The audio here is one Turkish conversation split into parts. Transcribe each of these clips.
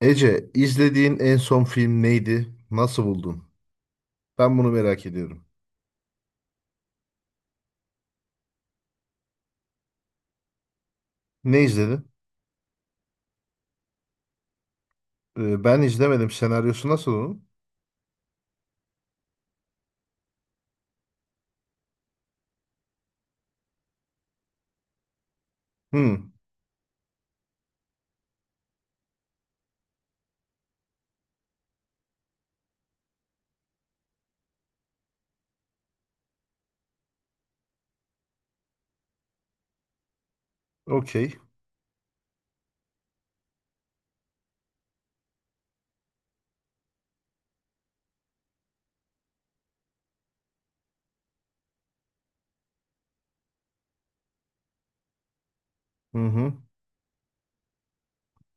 Ece, izlediğin en son film neydi? Nasıl buldun? Ben bunu merak ediyorum. Ne izledin? Ben izlemedim. Senaryosu nasıl onun? Hmm, okey. Hı hı.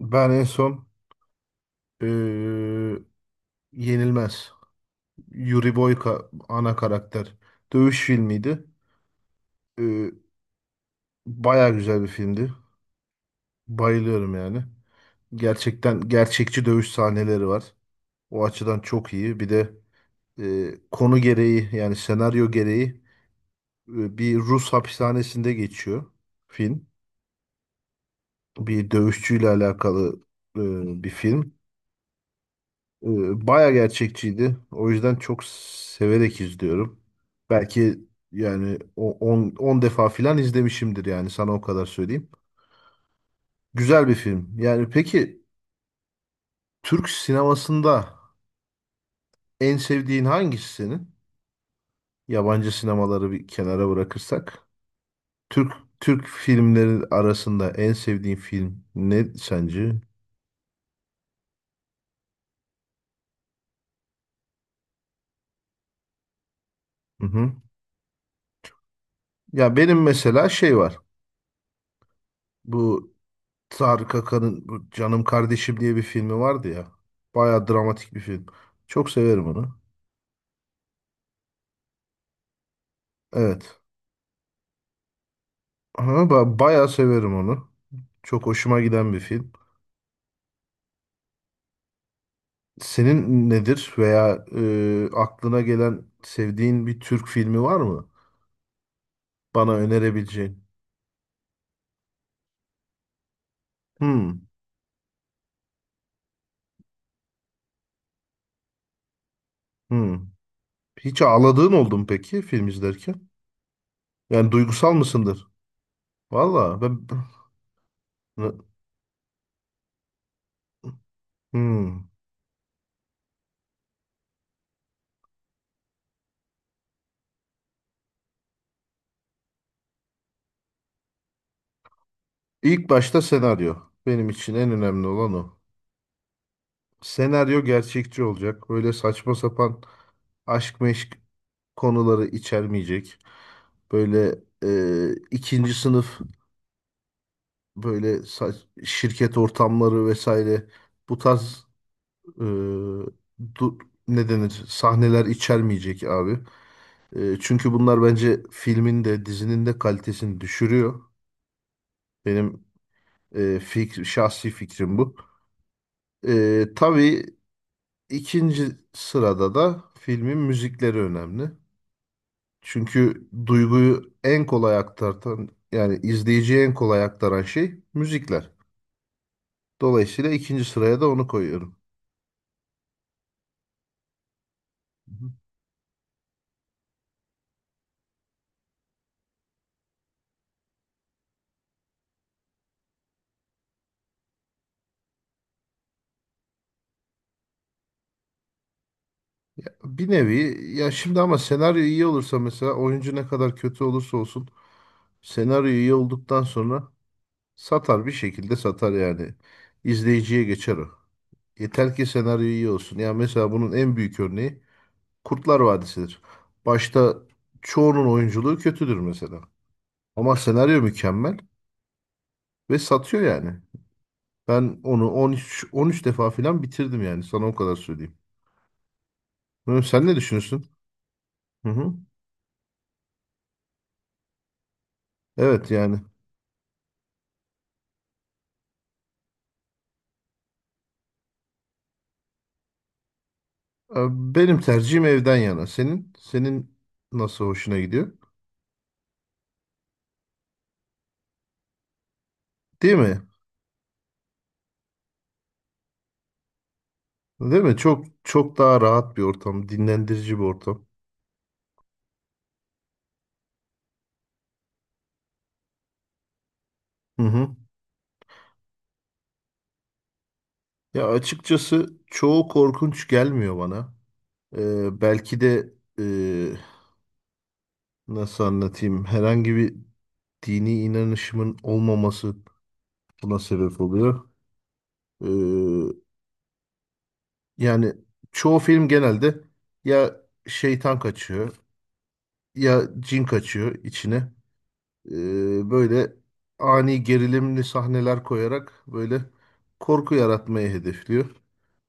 Ben en son ee, Yenilmez. Yuri Boyka ana karakter. Dövüş filmiydi. Ee, baya güzel bir filmdi. Bayılıyorum yani. Gerçekten gerçekçi dövüş sahneleri var. O açıdan çok iyi. Bir de konu gereği yani senaryo gereği bir Rus hapishanesinde geçiyor film. Bir dövüşçüyle alakalı bir film. E, baya gerçekçiydi. O yüzden çok severek izliyorum. Belki yani 10 defa filan izlemişimdir yani sana o kadar söyleyeyim. Güzel bir film. Yani peki Türk sinemasında en sevdiğin hangisi senin? Yabancı sinemaları bir kenara bırakırsak. Türk Türk filmleri arasında en sevdiğin film ne sence? Hı hı. Ya benim mesela şey var. Bu Tarık Akan'ın bu Canım Kardeşim diye bir filmi vardı ya. Baya dramatik bir film. Çok severim onu. Evet. Ama bayağı severim onu. Çok hoşuma giden bir film. Senin nedir veya aklına gelen sevdiğin bir Türk filmi var mı? Bana önerebileceğin. Hmm, hmm. Hiç ağladığın oldu mu peki film izlerken? Yani duygusal mısındır? Valla ben... Hmm. İlk başta senaryo. Benim için en önemli olan o. Senaryo gerçekçi olacak. Böyle saçma sapan aşk meşk konuları içermeyecek. Böyle ikinci sınıf böyle şirket ortamları vesaire bu tarz e, du- ne denir sahneler içermeyecek abi. Çünkü bunlar bence filmin de dizinin de kalitesini düşürüyor. Benim şahsi fikrim bu. Tabii İkinci sırada da filmin müzikleri önemli. Çünkü duyguyu en kolay aktartan yani izleyiciye en kolay aktaran şey müzikler. Dolayısıyla ikinci sıraya da onu koyuyorum. Hı hı. Bir nevi ya şimdi ama senaryo iyi olursa mesela oyuncu ne kadar kötü olursa olsun senaryo iyi olduktan sonra satar bir şekilde satar yani. İzleyiciye geçer o. Yeter ki senaryo iyi olsun. Ya mesela bunun en büyük örneği Kurtlar Vadisi'dir. Başta çoğunun oyunculuğu kötüdür mesela. Ama senaryo mükemmel ve satıyor yani. Ben onu 13 defa falan bitirdim yani sana o kadar söyleyeyim. Hı, sen ne düşünüyorsun? Hı hı. Evet yani. E, Benim tercihim evden yana. Senin nasıl hoşuna gidiyor? Değil mi? Değil mi? Çok çok daha rahat bir ortam, dinlendirici bir ortam. Hı hı. Ya açıkçası çoğu korkunç gelmiyor bana. Belki de nasıl anlatayım? Herhangi bir dini inanışımın olmaması buna sebep oluyor. Ee, yani çoğu film genelde ya şeytan kaçıyor ya cin kaçıyor içine. Böyle ani gerilimli sahneler koyarak böyle korku yaratmayı hedefliyor.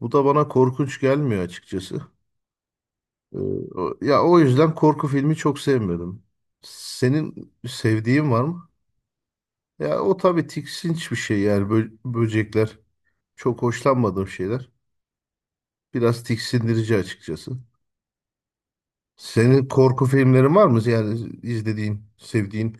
Bu da bana korkunç gelmiyor açıkçası. Ee, ya o yüzden korku filmi çok sevmiyorum. Senin sevdiğin var mı? Ya o tabii tiksinç bir şey yani böcekler. Çok hoşlanmadığım şeyler. Biraz tiksindirici açıkçası. Senin korku filmlerin var mı? Yani izlediğin, sevdiğin?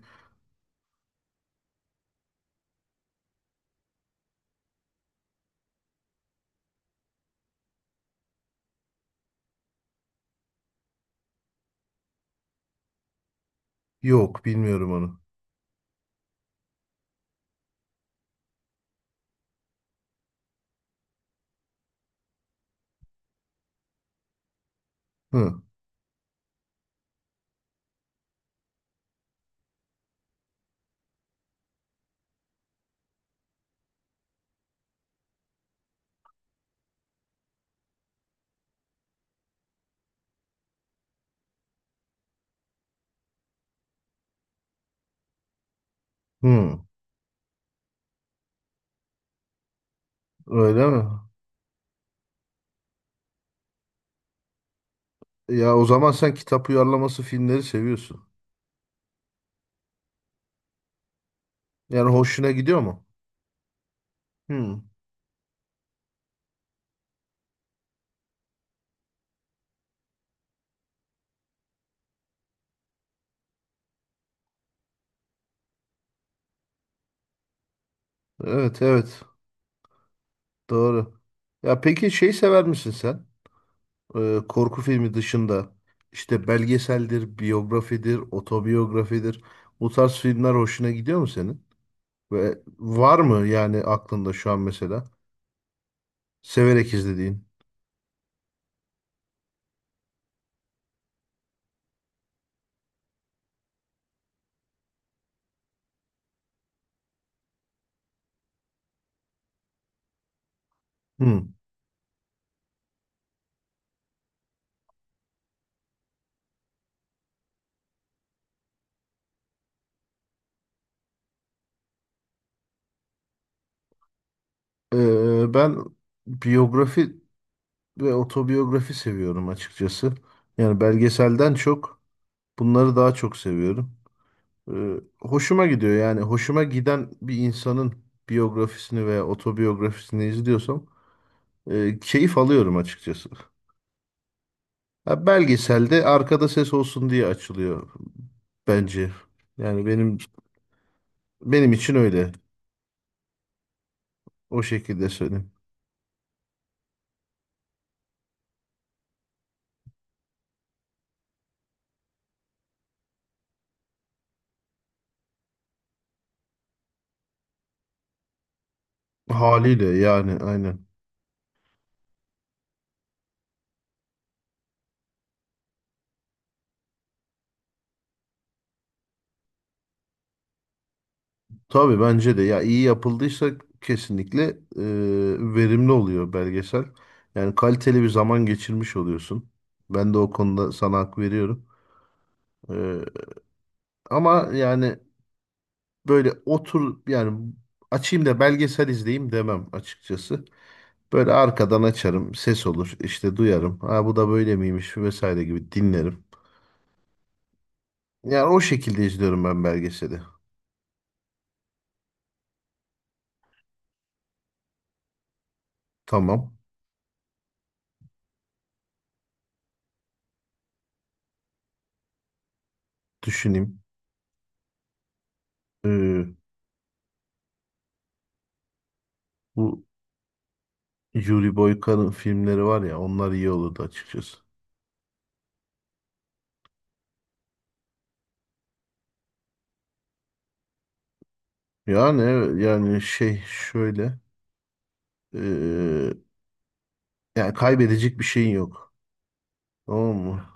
Yok, bilmiyorum onu. Hı. Hı. Öyle mi? Ya o zaman sen kitap uyarlaması filmleri seviyorsun. Yani hoşuna gidiyor mu? Hı. Evet, evet. Doğru. Ya peki şey sever misin sen? Korku filmi dışında işte belgeseldir, biyografidir, otobiyografidir. Bu tarz filmler hoşuna gidiyor mu senin? Ve var mı yani aklında şu an mesela severek izlediğin? Hmm. Ben biyografi ve otobiyografi seviyorum açıkçası. Yani belgeselden çok bunları daha çok seviyorum. Ee, hoşuma gidiyor yani hoşuma giden bir insanın biyografisini veya otobiyografisini izliyorsam keyif alıyorum açıkçası. Ya belgeselde arkada ses olsun diye açılıyor bence. Yani benim için öyle. O şekilde söyleyeyim. Haliyle yani aynen. Tabii bence de ya iyi yapıldıysa kesinlikle verimli oluyor belgesel. Yani kaliteli bir zaman geçirmiş oluyorsun. Ben de o konuda sana hak veriyorum. E, ama yani böyle otur yani açayım da belgesel izleyeyim demem açıkçası. Böyle arkadan açarım, ses olur, işte duyarım. Ha bu da böyle miymiş vesaire gibi dinlerim. Yani o şekilde izliyorum ben belgeseli. Tamam, düşüneyim. Ee, bu Yuri Boyka'nın filmleri var ya, onlar iyi olurdu açıkçası. Yani evet, yani şey şöyle, ee, yani kaybedecek bir şeyin yok. Tamam mı?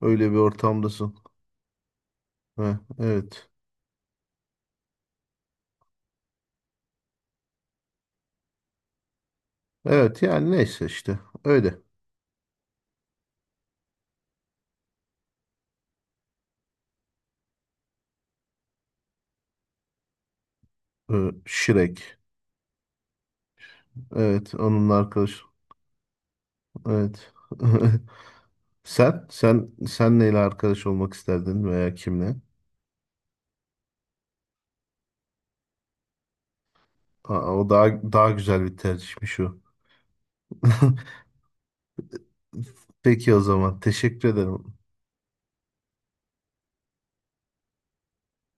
Öyle bir ortamdasın. Heh, evet. Evet yani neyse işte öyle. Shrek. Evet onun arkadaşı. Evet. Sen neyle arkadaş olmak isterdin veya kimle? Aa, o daha güzel bir tercihmiş o. Peki o zaman teşekkür ederim